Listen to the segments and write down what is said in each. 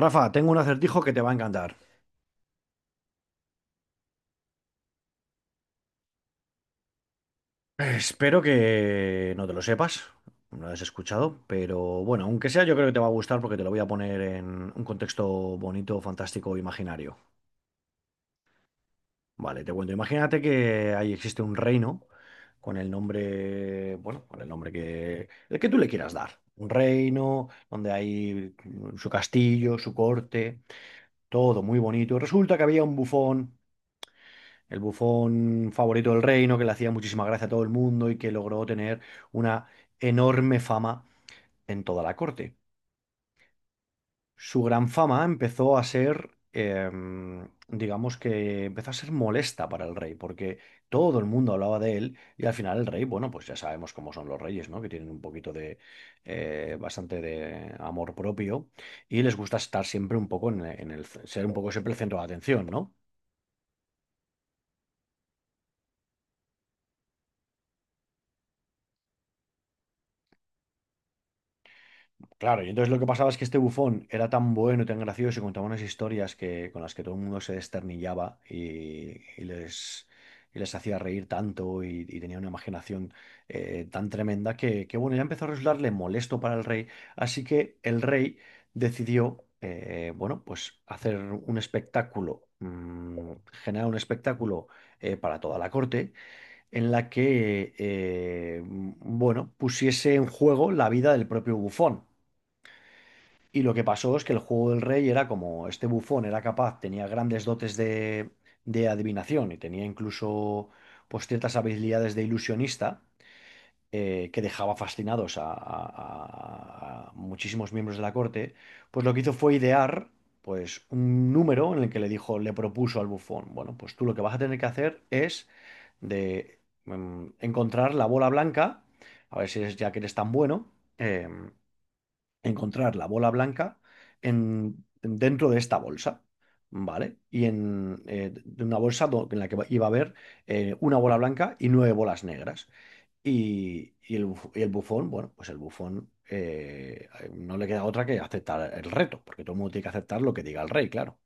Rafa, tengo un acertijo que te va a encantar. Espero que no te lo sepas, no lo has escuchado, pero bueno, aunque sea, yo creo que te va a gustar porque te lo voy a poner en un contexto bonito, fantástico, imaginario. Vale, te cuento. Imagínate que ahí existe un reino con el nombre, bueno, con el nombre que, el que tú le quieras dar. Un reino donde hay su castillo, su corte, todo muy bonito. Resulta que había un bufón. El bufón favorito del reino, que le hacía muchísima gracia a todo el mundo y que logró tener una enorme fama en toda la corte. Su gran fama empezó a ser, em, digamos que empezó a ser molesta para el rey, porque todo el mundo hablaba de él y al final el rey, bueno, pues ya sabemos cómo son los reyes, ¿no? Que tienen un poquito de, bastante de amor propio y les gusta estar siempre un poco ser un poco siempre el centro de atención, ¿no? Claro, y entonces lo que pasaba es que este bufón era tan bueno y tan gracioso y contaba unas historias con las que todo el mundo se desternillaba y les hacía reír tanto y tenía una imaginación tan tremenda que, bueno, ya empezó a resultarle molesto para el rey. Así que el rey decidió, bueno, pues hacer un espectáculo, generar un espectáculo para toda la corte en la que, bueno, pusiese en juego la vida del propio bufón. Y lo que pasó es que el juego del rey era como este bufón era capaz, tenía grandes dotes de adivinación y tenía incluso pues, ciertas habilidades de ilusionista que dejaba fascinados a, muchísimos miembros de la corte. Pues lo que hizo fue idear pues, un número en el que le dijo, le propuso al bufón, bueno, pues tú lo que vas a tener que hacer es de encontrar la bola blanca, a ver si es ya que eres tan bueno, em, encontrar la bola blanca dentro de esta bolsa, ¿vale? Y en de una bolsa en la que iba a haber una bola blanca y nueve bolas negras. Y el bufón, bueno, pues el bufón no le queda otra que aceptar el reto, porque todo el mundo tiene que aceptar lo que diga el rey, claro.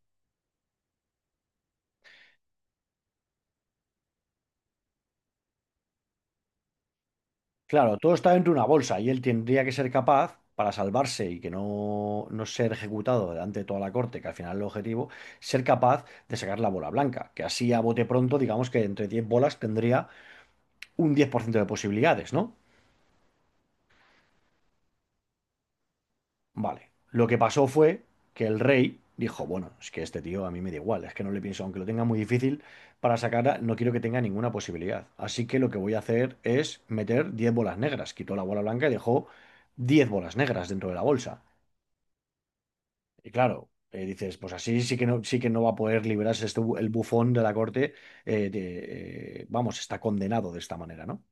Claro, todo está dentro de una bolsa y él tendría que ser capaz, para salvarse y que no ser ejecutado delante de toda la corte, que al final es el objetivo, ser capaz de sacar la bola blanca, que así a bote pronto, digamos que entre 10 bolas tendría un 10% de posibilidades, ¿no? Vale, lo que pasó fue que el rey dijo, bueno, es que este tío a mí me da igual, es que no le pienso, aunque lo tenga muy difícil para sacarla, no quiero que tenga ninguna posibilidad. Así que lo que voy a hacer es meter 10 bolas negras. Quitó la bola blanca y dejó 10 bolas negras dentro de la bolsa. Y claro, dices, pues así sí que no va a poder liberarse el bufón de la corte. Vamos, está condenado de esta manera, ¿no?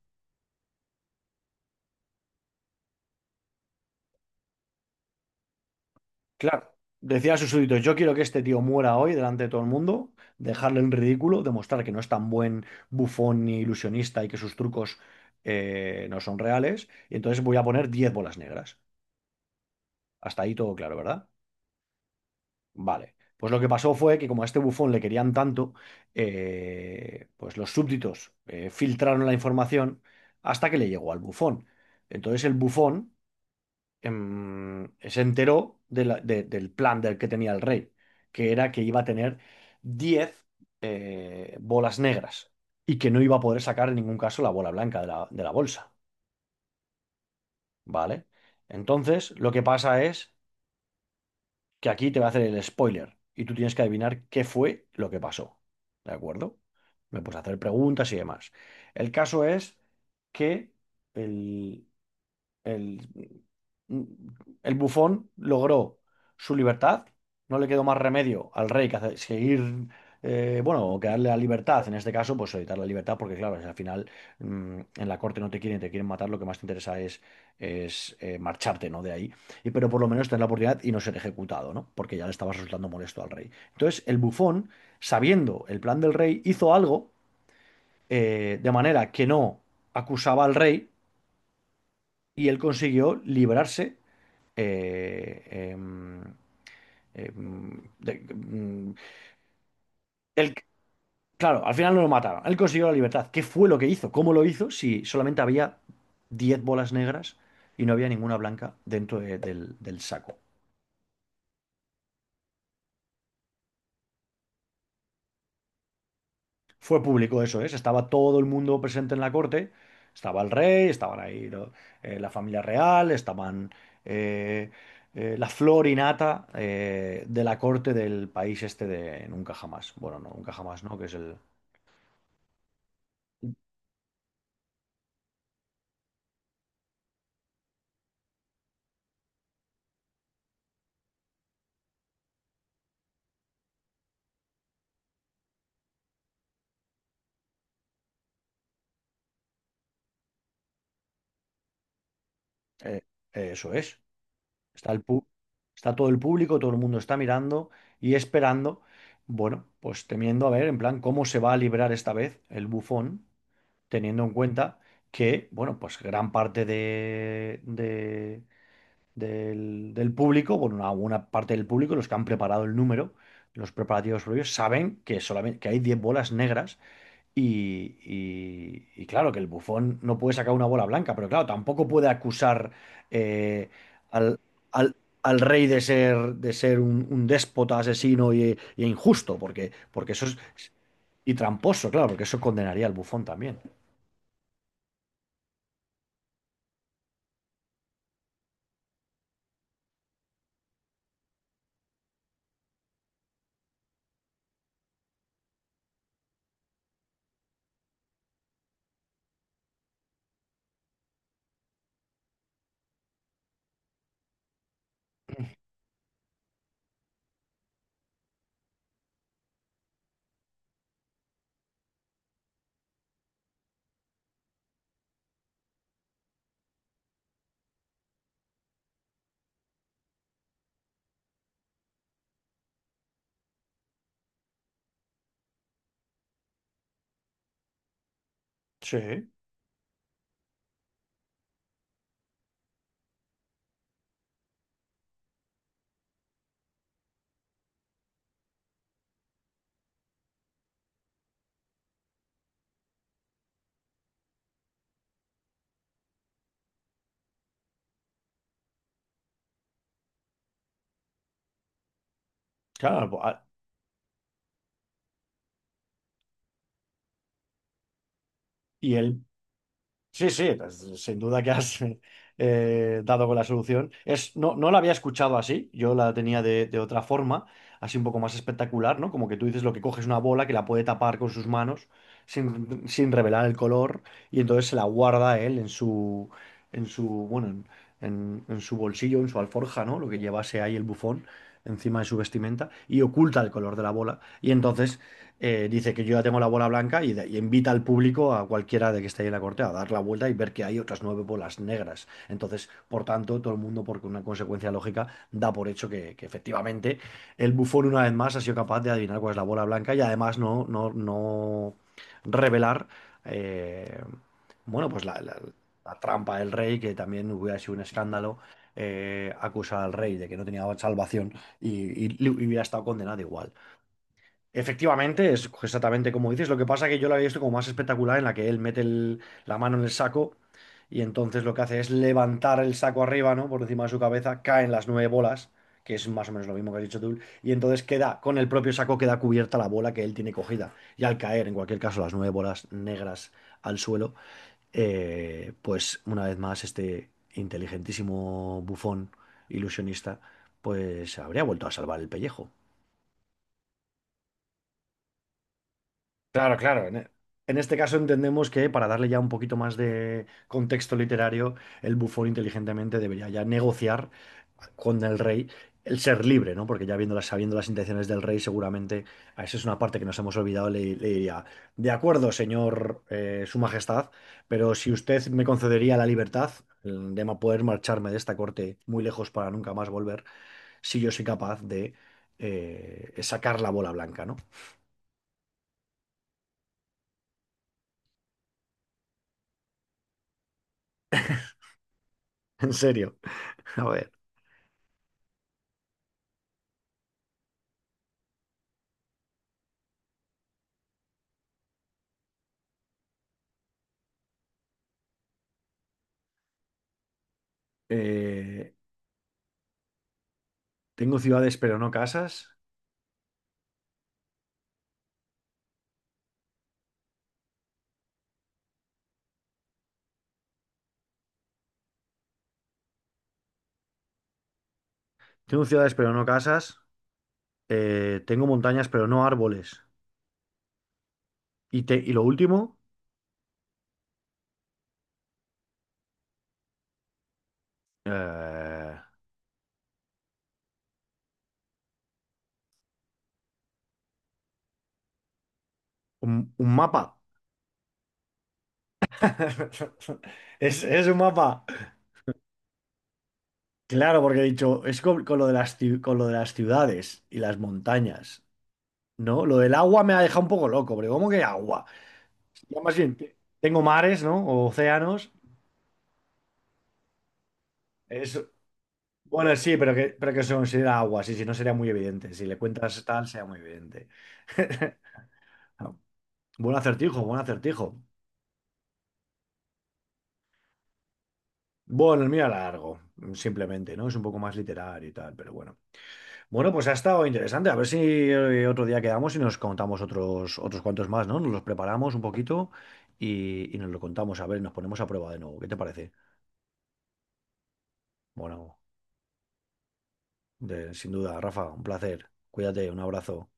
Claro, decía a sus súbditos, yo quiero que este tío muera hoy delante de todo el mundo, dejarle en ridículo, demostrar que no es tan buen bufón ni ilusionista y que sus trucos no son reales. Y entonces voy a poner 10 bolas negras. Hasta ahí todo claro, ¿verdad? Vale. Pues lo que pasó fue que como a este bufón le querían tanto, pues los súbditos filtraron la información hasta que le llegó al bufón. Entonces el bufón, se enteró del plan del que tenía el rey, que era que iba a tener 10 bolas negras y que no iba a poder sacar en ningún caso la bola blanca de la bolsa. ¿Vale? Entonces lo que pasa es que aquí te va a hacer el spoiler y tú tienes que adivinar qué fue lo que pasó. ¿De acuerdo? Me puedes hacer preguntas y demás. El caso es que el, el, mm, el bufón logró su libertad. No le quedó más remedio al rey que seguir, bueno, o que darle la libertad. En este caso, pues evitar la libertad, porque claro, al final en la corte no te quieren, te quieren matar. Lo que más te interesa es marcharte, ¿no? De ahí. Pero por lo menos tener la oportunidad y no ser ejecutado, ¿no? Porque ya le estabas resultando molesto al rey. Entonces, el bufón, sabiendo el plan del rey, hizo algo de manera que no acusaba al rey y él consiguió liberarse eh, em, em, de- mm, él- claro, al final no lo mataron. Él consiguió la libertad. ¿Qué fue lo que hizo? ¿Cómo lo hizo? Si solamente había 10 bolas negras y no había ninguna blanca dentro del saco. Fue público eso, ¿eh? Estaba todo el mundo presente en la corte. Estaba el rey, estaban ahí la familia real, estaban eh, la flor y nata de la corte del país este de Nunca Jamás. Bueno, no, Nunca Jamás, ¿no? Que es el, Eh, eso es. Está el pu- Está todo el público, todo el mundo está mirando y esperando, bueno, pues temiendo a ver en plan cómo se va a librar esta vez el bufón, teniendo en cuenta que, bueno, pues gran parte del público, bueno, una parte del público, los que han preparado el número, los preparativos previos, saben que solamente que hay 10 bolas negras y claro, que el Bufón no puede sacar una bola blanca, pero claro, tampoco puede acusar eh, al, al- al rey de ser, un déspota, asesino y injusto, porque eso es. Y tramposo, claro, porque eso condenaría al Bufón también. Sí, claro. Y él. Sí, sí, pues, sin duda que has dado con la solución. No, no la había escuchado así, yo la tenía de otra forma, así un poco más espectacular, ¿no? Como que tú dices lo que coges una bola que la puede tapar con sus manos sin revelar el color y entonces se la guarda él en su, bueno, en su bolsillo, en su alforja, ¿no? Lo que llevase ahí el bufón encima de su vestimenta y oculta el color de la bola y entonces dice que yo ya tengo la bola blanca y invita al público, a cualquiera de que esté ahí en la corte, a dar la vuelta y ver que hay otras nueve bolas negras. Entonces, por tanto, todo el mundo, por una consecuencia lógica, da por hecho que efectivamente el bufón una vez más ha sido capaz de adivinar cuál es la bola blanca y además no revelar, eh, bueno, pues la trampa del rey, que también hubiera sido un escándalo. Acusar al rey de que no tenía salvación y hubiera estado condenado igual. Efectivamente, es exactamente como dices. Lo que pasa es que yo la había visto como más espectacular en la que él mete la mano en el saco y entonces lo que hace es levantar el saco arriba, ¿no? Por encima de su cabeza, caen las nueve bolas, que es más o menos lo mismo que has dicho tú, y entonces queda, con el propio saco queda cubierta la bola que él tiene cogida. Y al caer, en cualquier caso, las nueve bolas negras al suelo, pues una vez más este inteligentísimo bufón ilusionista, pues habría vuelto a salvar el pellejo. Claro, claro. En este caso entendemos que para darle ya un poquito más de contexto literario, el bufón inteligentemente debería ya negociar con el rey el ser libre, ¿no? Porque ya viéndolas, sabiendo las intenciones del rey, seguramente a eso es una parte que nos hemos olvidado, le diría, de acuerdo, señor, su majestad, pero si usted me concedería la libertad poder marcharme de esta corte muy lejos para nunca más volver, si yo soy capaz de sacar la bola blanca, ¿no? En serio. A ver. Eh, tengo ciudades pero no casas. Tengo ciudades pero no casas. Tengo montañas pero no árboles. Y lo último, eh, un mapa. Es un mapa. Claro, porque he dicho, es con lo de las ciudades y las montañas, ¿no? Lo del agua me ha dejado un poco loco, pero ¿cómo que agua? Ya más bien, tengo mares, ¿no? O océanos. Bueno, sí, pero que se considera agua, sí, si no sería muy evidente. Si le cuentas tal, sería muy evidente. Ah, buen acertijo, buen acertijo. Bueno, el mío era largo, simplemente, ¿no? Es un poco más literario y tal, pero bueno. Bueno, pues ha estado interesante. A ver si otro día quedamos y nos contamos otros cuantos más, ¿no? Nos los preparamos un poquito y nos lo contamos. A ver, nos ponemos a prueba de nuevo. ¿Qué te parece? Bueno, sin duda, Rafa, un placer. Cuídate, un abrazo.